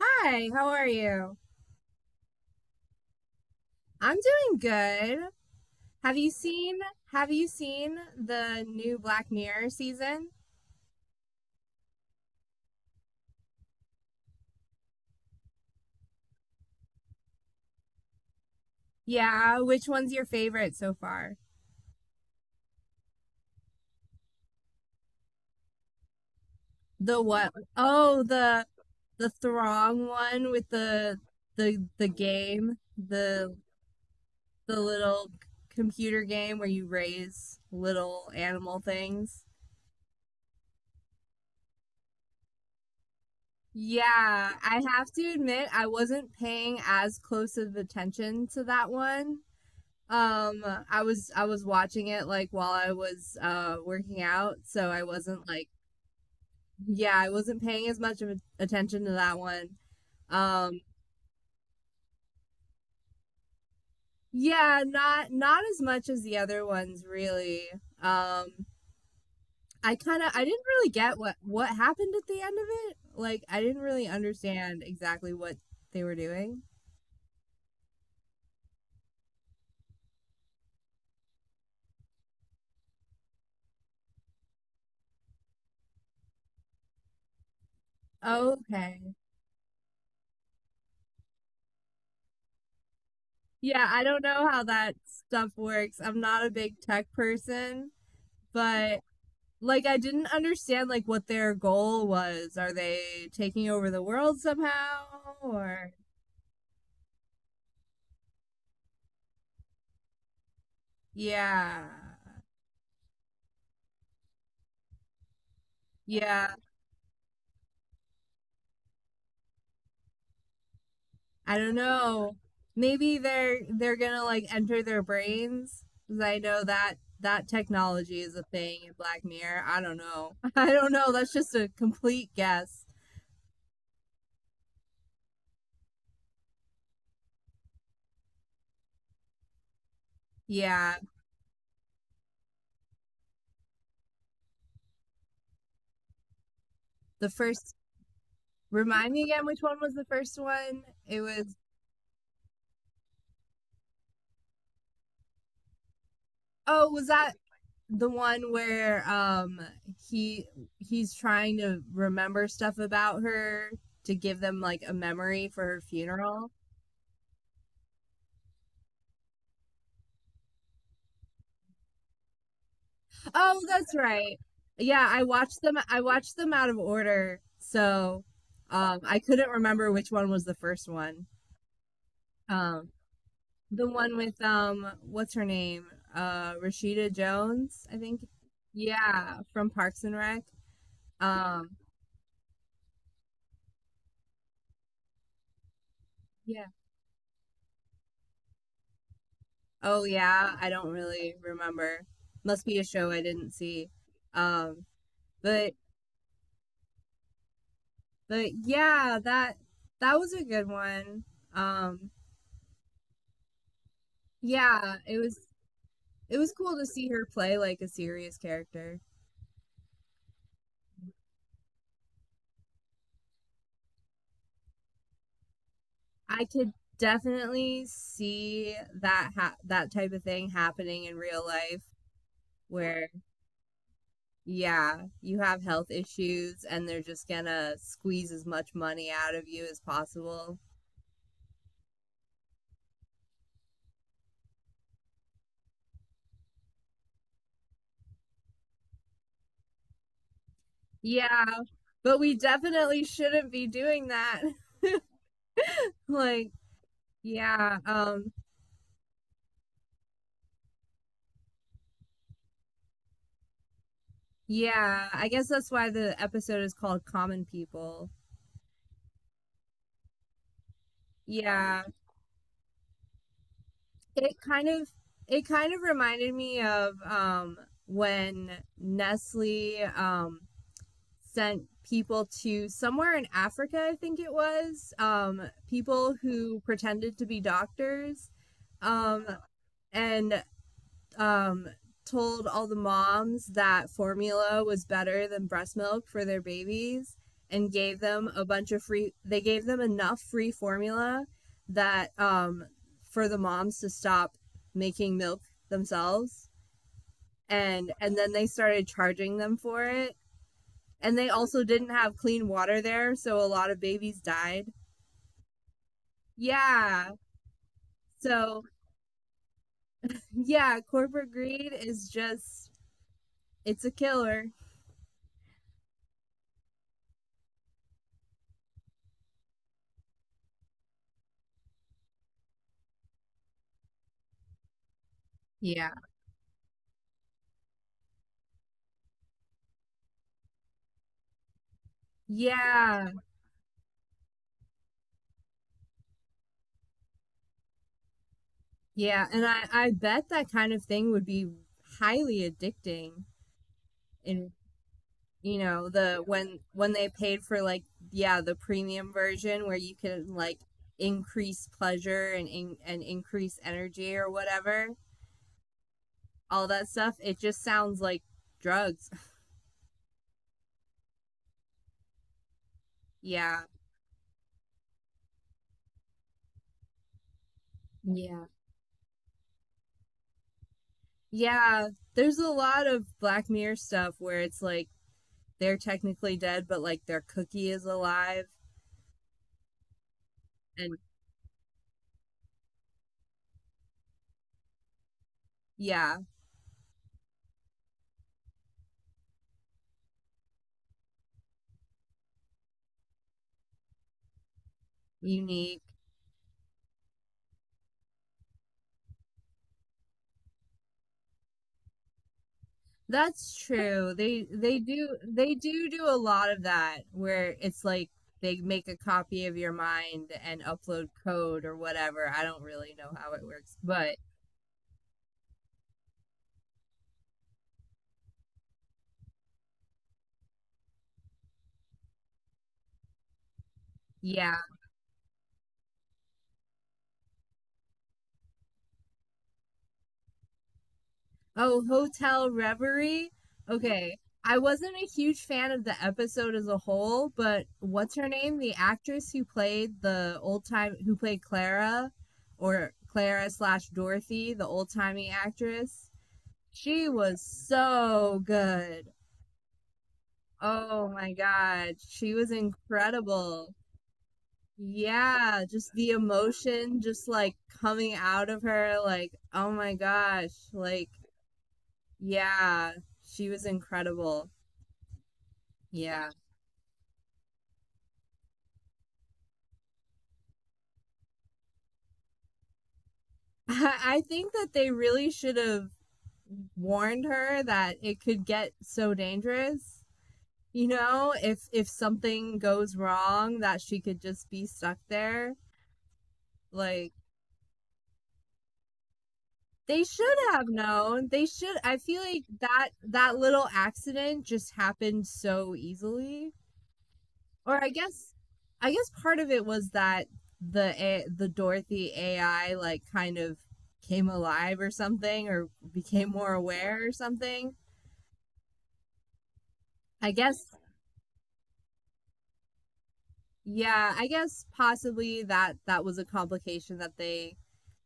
Hi, how are you? I'm doing good. Have you seen have you seen the new Black Mirror season? Yeah, which one's your favorite so far? The what? Oh, the Throng one with the the game, the little computer game where you raise little animal things. Yeah, I have to admit I wasn't paying as close of attention to that one. Um, I was watching it like while I was working out, so I wasn't like yeah, I wasn't paying as much of a- attention to that one. Um, yeah, not as much as the other ones really. Um, I kind of I didn't really get what happened at the end of it. Like I didn't really understand exactly what they were doing. Okay. Yeah, I don't know how that stuff works. I'm not a big tech person, but like I didn't understand like what their goal was. Are they taking over the world somehow or yeah. Yeah, I don't know. Maybe they're gonna like enter their brains. 'Cause I know that that technology is a thing in Black Mirror. I don't know. I don't know. That's just a complete guess. Yeah. The first remind me again which one was the first one? It was oh, was that the one where he he's trying to remember stuff about her to give them like a memory for her funeral. Oh, that's right. Yeah, I watched them out of order. So I couldn't remember which one was the first one. Um the one with what's her name? Rashida Jones, I think. Yeah, from Parks and Rec. Um yeah. Oh yeah, I don't really remember. Must be a show I didn't see. Um, but yeah, that was a good one. Um, yeah, it was cool to see her play like a serious character. I could definitely see that type of thing happening in real life where yeah, you have health issues and they're just gonna squeeze as much money out of you as possible. Yeah, but we definitely shouldn't be doing that. Like, yeah, yeah, I guess that's why the episode is called Common People. Yeah. It kind of it kind of reminded me of when Nestle sent people to somewhere in Africa, I think it was, people who pretended to be doctors. Um and um, told all the moms that formula was better than breast milk for their babies and gave them a bunch of free they gave them enough free formula that for the moms to stop making milk themselves and then they started charging them for it, and they also didn't have clean water there, so a lot of babies died. Yeah, so yeah, corporate greed is just it's a killer. Yeah. Yeah. Yeah, and I bet that kind of thing would be highly addicting. And you know, the when they paid for like yeah, the premium version where you can like increase pleasure and increase energy or whatever, all that stuff, it just sounds like drugs. Yeah. Yeah. Yeah, there's a lot of Black Mirror stuff where it's like they're technically dead, but like their cookie is alive and yeah, unique. That's true. They do a lot of that where it's like they make a copy of your mind and upload code or whatever. I don't really know how it works, but yeah. Oh, Hotel Reverie. Okay. I wasn't a huge fan of the episode as a whole, but what's her name? The actress who played the old time who played Clara or Clara slash Dorothy, the old timey actress. She was so good. Oh my God, she was incredible. Yeah, just the emotion just like coming out of her, like, oh my gosh, like, yeah, she was incredible. Yeah. I think that they really should have warned her that it could get so dangerous. You know, if something goes wrong, that she could just be stuck there. Like, they should have known. They should. I feel like that little accident just happened so easily. Or I guess part of it was that the A- the Dorothy AI like kind of came alive or something, or became more aware or something. I guess. Yeah, I guess possibly that that was a complication that they.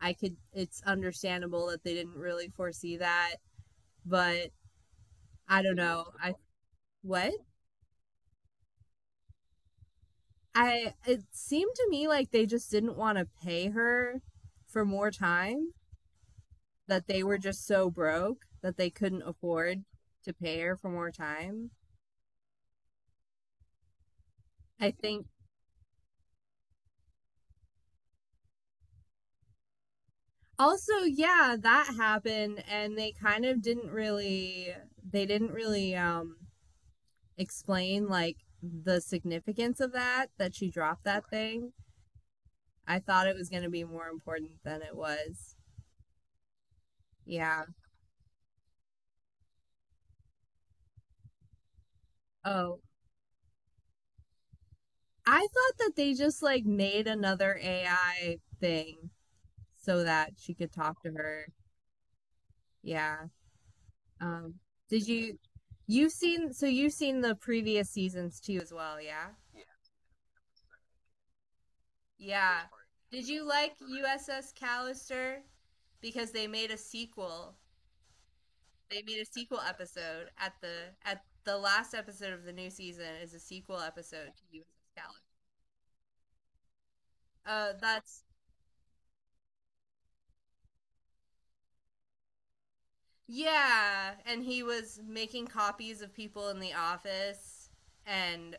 I could. It's understandable that they didn't really foresee that, but I don't know. I what? I it seemed to me like they just didn't want to pay her for more time, that they were just so broke that they couldn't afford to pay her for more time. I think also, yeah, that happened and they kind of didn't really they didn't really um explain like the significance of that that she dropped that thing. I thought it was going to be more important than it was. Yeah. Oh, I thought that they just like made another AI thing so that she could talk to her. Yeah. Um, did you you've seen so you've seen the previous seasons too as well, yeah? Yeah. Did you like USS Callister because they made a sequel? They made a sequel episode at the last episode of the new season is a sequel episode to USS Callister. That's yeah, and he was making copies of people in the office and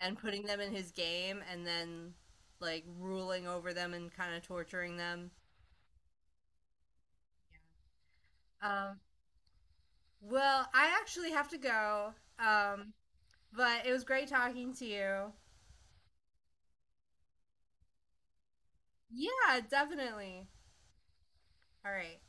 and putting them in his game and then like ruling over them and kind of torturing them. Um, well, I actually have to go. Um, but it was great talking to you. Yeah, definitely. All right.